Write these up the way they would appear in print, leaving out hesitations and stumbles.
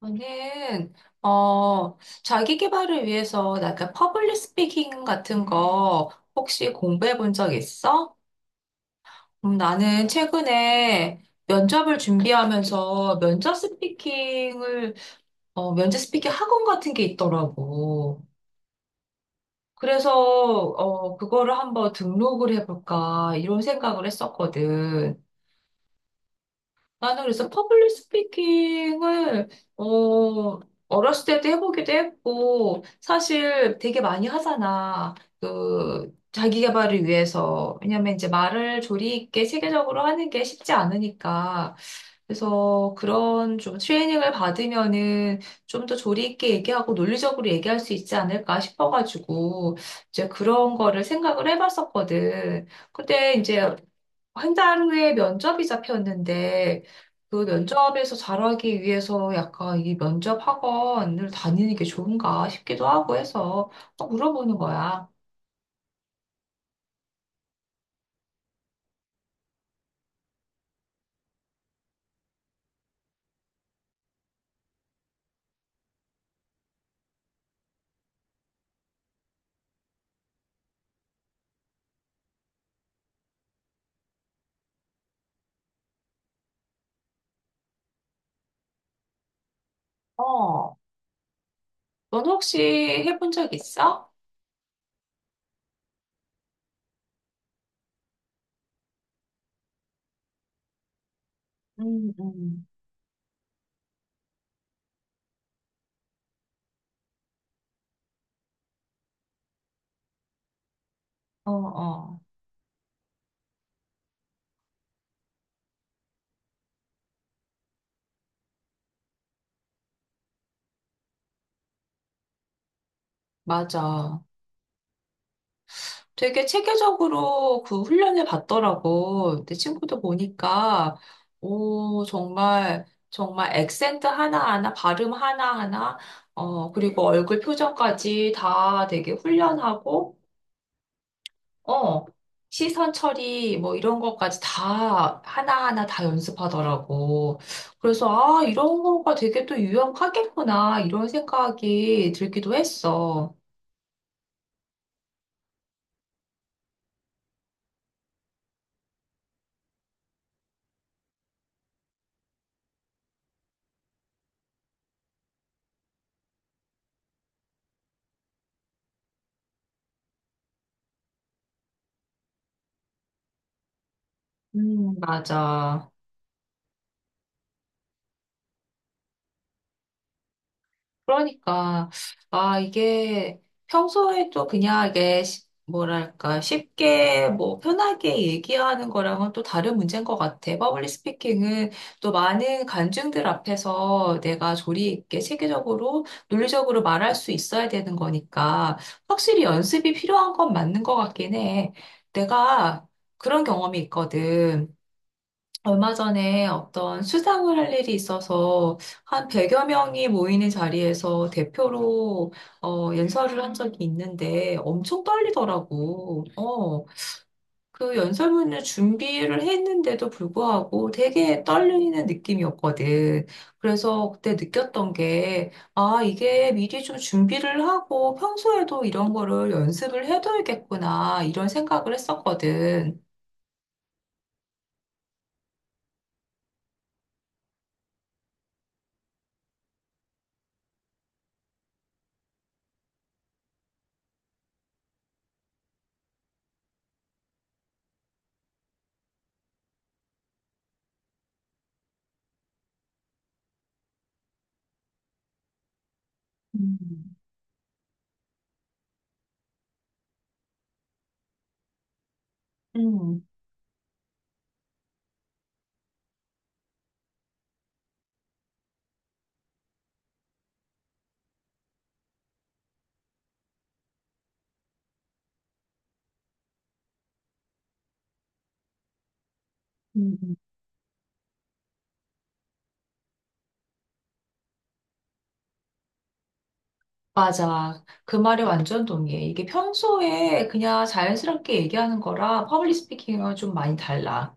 저는 어 자기 개발을 위해서 약간 퍼블릭 스피킹 같은 거 혹시 공부해 본 적 있어? 나는 최근에 면접을 준비하면서 면접 스피킹 학원 같은 게 있더라고. 그래서 그거를 한번 등록을 해볼까 이런 생각을 했었거든. 나는 그래서 퍼블릭 스피킹을, 어, 어렸을 때도 해보기도 했고, 사실 되게 많이 하잖아. 그, 자기 개발을 위해서. 왜냐면 이제 말을 조리 있게 체계적으로 하는 게 쉽지 않으니까. 그래서 그런 좀 트레이닝을 받으면은 좀 더 조리 있게 얘기하고 논리적으로 얘기할 수 있지 않을까 싶어가지고, 이제 그런 거를 생각을 해봤었거든. 근데 이제 한 달 후에 면접이 잡혔는데 그 면접에서 잘하기 위해서 약간 이 면접 학원을 다니는 게 좋은가 싶기도 하고 해서 또 물어보는 거야. 어, 넌 혹시 해본 적 있어? 음, 음. 어, 어, 맞아. 되게 체계적으로 그 훈련을 받더라고. 내 친구도 보니까, 오, 정말, 정말 액센트 하나하나, 발음 하나하나, 그리고 얼굴 표정까지 다 되게 훈련하고, 어, 시선 처리, 뭐 이런 것까지 다 하나하나 다 연습하더라고. 그래서, 아, 이런 거가 되게 또 유용하겠구나, 이런 생각이 들기도 했어. 맞아. 그러니까, 아, 이게 평소에 또 그냥 이게 뭐랄까, 쉽게 뭐 편하게 얘기하는 거랑은 또 다른 문제인 것 같아. 퍼블릭 스피킹은 또 많은 관중들 앞에서 내가 조리 있게 체계적으로, 논리적으로 말할 수 있어야 되는 거니까 확실히 연습이 필요한 건 맞는 것 같긴 해. 내가 그런 경험이 있거든. 얼마 전에 어떤 수상을 할 일이 있어서 한 100여 명이 모이는 자리에서 대표로 연설을 한 적이 있는데 엄청 떨리더라고. 그 연설문을 준비를 했는데도 불구하고 되게 떨리는 느낌이었거든. 그래서 그때 느꼈던 게, 아, 이게 미리 좀 준비를 하고 평소에도 이런 거를 연습을 해둬야겠구나, 이런 생각을 했었거든. 음, 음. 음. 맞아. 그 말이 완전 동의해. 이게 평소에 그냥 자연스럽게 얘기하는 거랑 퍼블릭 스피킹은 좀 많이 달라.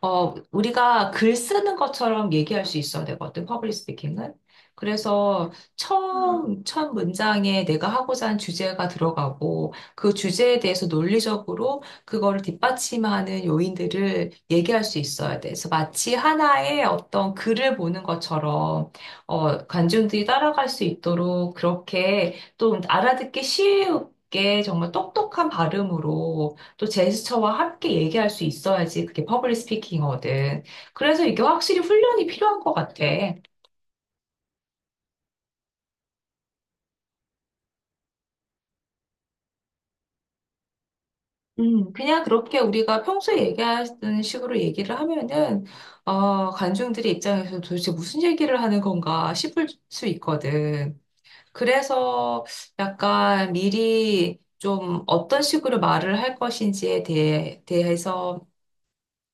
우리가 글 쓰는 것처럼 얘기할 수 있어야 되거든, 퍼블릭 스피킹은. 그래서 첫 문장에 내가 하고자 하는 주제가 들어가고, 그 주제에 대해서 논리적으로 그거를 뒷받침하는 요인들을 얘기할 수 있어야 돼. 그래서 마치 하나의 어떤 글을 보는 것처럼, 관중들이 따라갈 수 있도록 그렇게 또 알아듣기 쉬우게 정말 똑똑한 발음으로 또 제스처와 함께 얘기할 수 있어야지 그게 퍼블릭 스피킹이거든. 그래서 이게 확실히 훈련이 필요한 것 같아. 그냥 그렇게 우리가 평소에 얘기하는 식으로 얘기를 하면은, 관중들의 입장에서 도대체 무슨 얘기를 하는 건가 싶을 수 있거든. 그래서 약간 미리 좀 어떤 식으로 말을 할 것인지에 대해서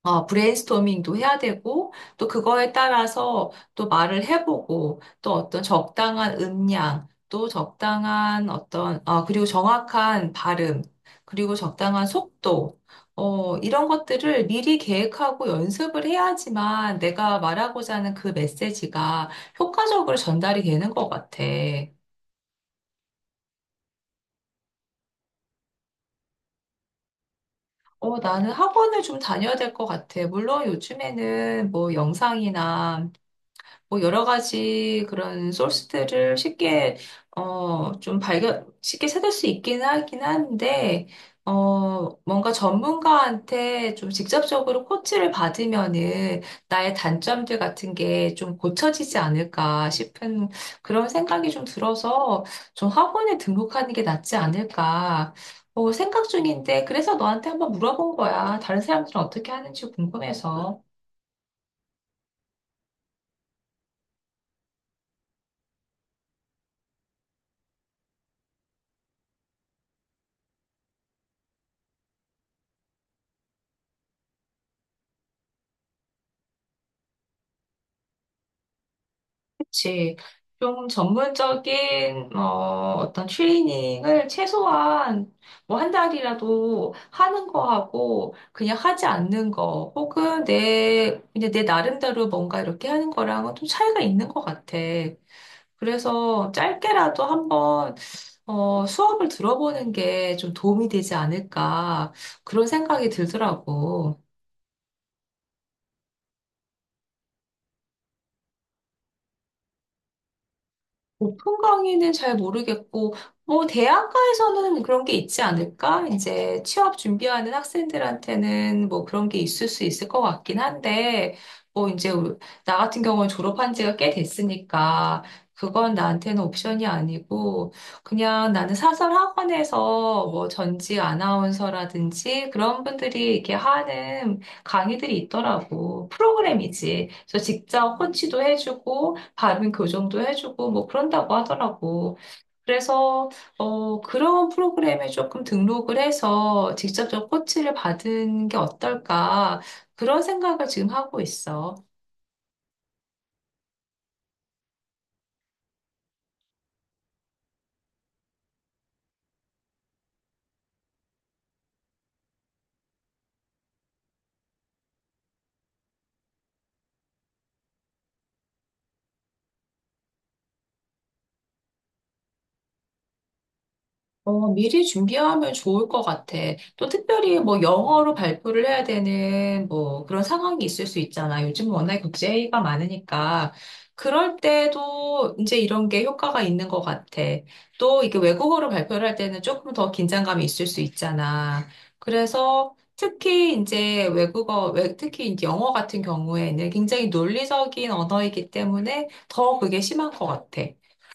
브레인스토밍도 해야 되고, 또 그거에 따라서 또 말을 해보고, 또 어떤 적당한 음량, 또 적당한 어떤, 그리고 정확한 발음, 그리고 적당한 속도, 이런 것들을 미리 계획하고 연습을 해야지만 내가 말하고자 하는 그 메시지가 효과적으로 전달이 되는 것 같아. 나는 학원을 좀 다녀야 될 것 같아. 물론 요즘에는 뭐 영상이나 뭐 여러 가지 그런 소스들을 쉽게 어 좀 발견 쉽게 찾을 수 있긴 하긴 한데 뭔가 전문가한테 좀 직접적으로 코치를 받으면은 나의 단점들 같은 게 좀 고쳐지지 않을까 싶은 그런 생각이 좀 들어서 좀 학원에 등록하는 게 낫지 않을까 생각 중인데 그래서 너한테 한번 물어본 거야. 다른 사람들은 어떻게 하는지 궁금해서. 그치. 좀 전문적인 어, 어떤 트레이닝을 최소한 뭐 한 달이라도 하는 거하고 그냥 하지 않는 거 혹은 내 이제 내 나름대로 뭔가 이렇게 하는 거랑은 좀 차이가 있는 것 같아. 그래서 짧게라도 한번 수업을 들어보는 게 좀 도움이 되지 않을까 그런 생각이 들더라고. 오픈 강의는 잘 모르겠고, 뭐, 대학가에서는 그런 게 있지 않을까? 이제 취업 준비하는 학생들한테는 뭐 그런 게 있을 수 있을 것 같긴 한데, 뭐, 이제, 우 나 같은 경우는 졸업한 지가 꽤 됐으니까, 그건 나한테는 옵션이 아니고, 그냥 나는 사설 학원에서 뭐 전직 아나운서라든지 그런 분들이 이렇게 하는 강의들이 있더라고. 프로그램이지. 그래서 직접 코치도 해주고, 발음 교정도 해주고, 뭐 그런다고 하더라고. 그래서, 그런 프로그램에 조금 등록을 해서 직접적 코치를 받은 게 어떨까. 그런 생각을 지금 하고 있어. 미리 준비하면 좋을 것 같아. 또 특별히 뭐 영어로 발표를 해야 되는 뭐 그런 상황이 있을 수 있잖아. 요즘 워낙에 국제회의가 많으니까. 그럴 때도 이제 이런 게 효과가 있는 것 같아. 또 이게 외국어로 발표를 할 때는 조금 더 긴장감이 있을 수 있잖아. 그래서 특히 이제 외국어, 특히 이제 영어 같은 경우에는 굉장히 논리적인 언어이기 때문에 더 그게 심한 것 같아.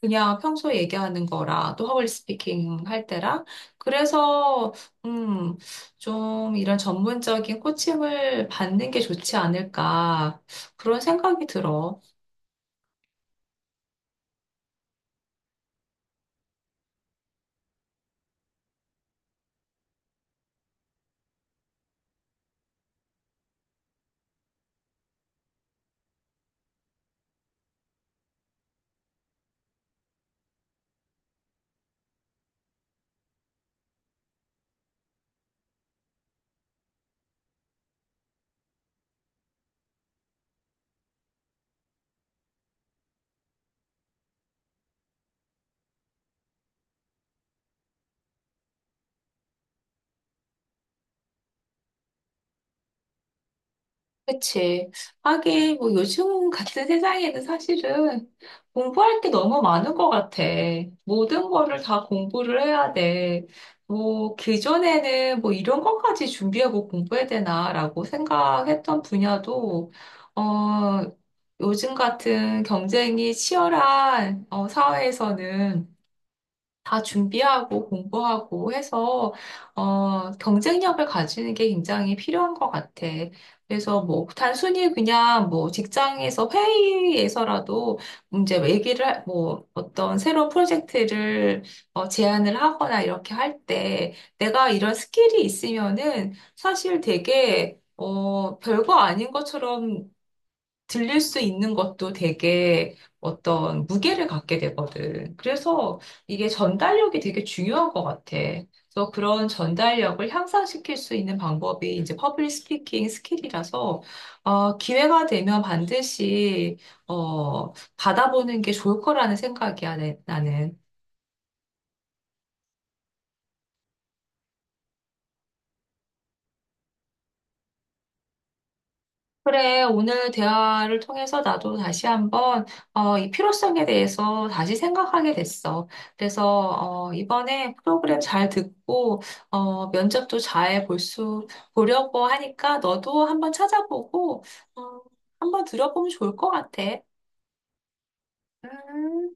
그냥 평소에 얘기하는 거라 또 허블리 스피킹 할 때라 그래서 음, 좀 이런 전문적인 코칭을 받는 게 좋지 않을까 그런 생각이 들어. 그치. 하긴, 뭐, 요즘 같은 세상에는 사실은 공부할 게 너무 많은 것 같아. 모든 거를 다 공부를 해야 돼. 뭐, 그전에는 뭐, 이런 것까지 준비하고 공부해야 되나라고 생각했던 분야도, 어, 요즘 같은 경쟁이 치열한, 사회에서는 다 준비하고 공부하고 해서 경쟁력을 가지는 게 굉장히 필요한 것 같아. 그래서 뭐 단순히 그냥 뭐 직장에서 회의에서라도 이제 뭐 어떤 새로운 프로젝트를 제안을 하거나 이렇게 할 때 내가 이런 스킬이 있으면은 사실 되게 별거 아닌 것처럼 들릴 수 있는 것도 되게 어떤 무게를 갖게 되거든. 그래서 이게 전달력이 되게 중요한 것 같아. 그래서 그런 전달력을 향상시킬 수 있는 방법이 이제 퍼블릭 스피킹 스킬이라서 기회가 되면 반드시 받아보는 게 좋을 거라는 생각이야, 나는. 그래, 오늘 대화를 통해서 나도 다시 한번, 이 필요성에 대해서 다시 생각하게 됐어. 그래서, 이번에 프로그램 잘 듣고, 면접도 잘 볼 수, 보려고 하니까 너도 한번 찾아보고, 어, 한번 들어보면 좋을 것 같아. 음.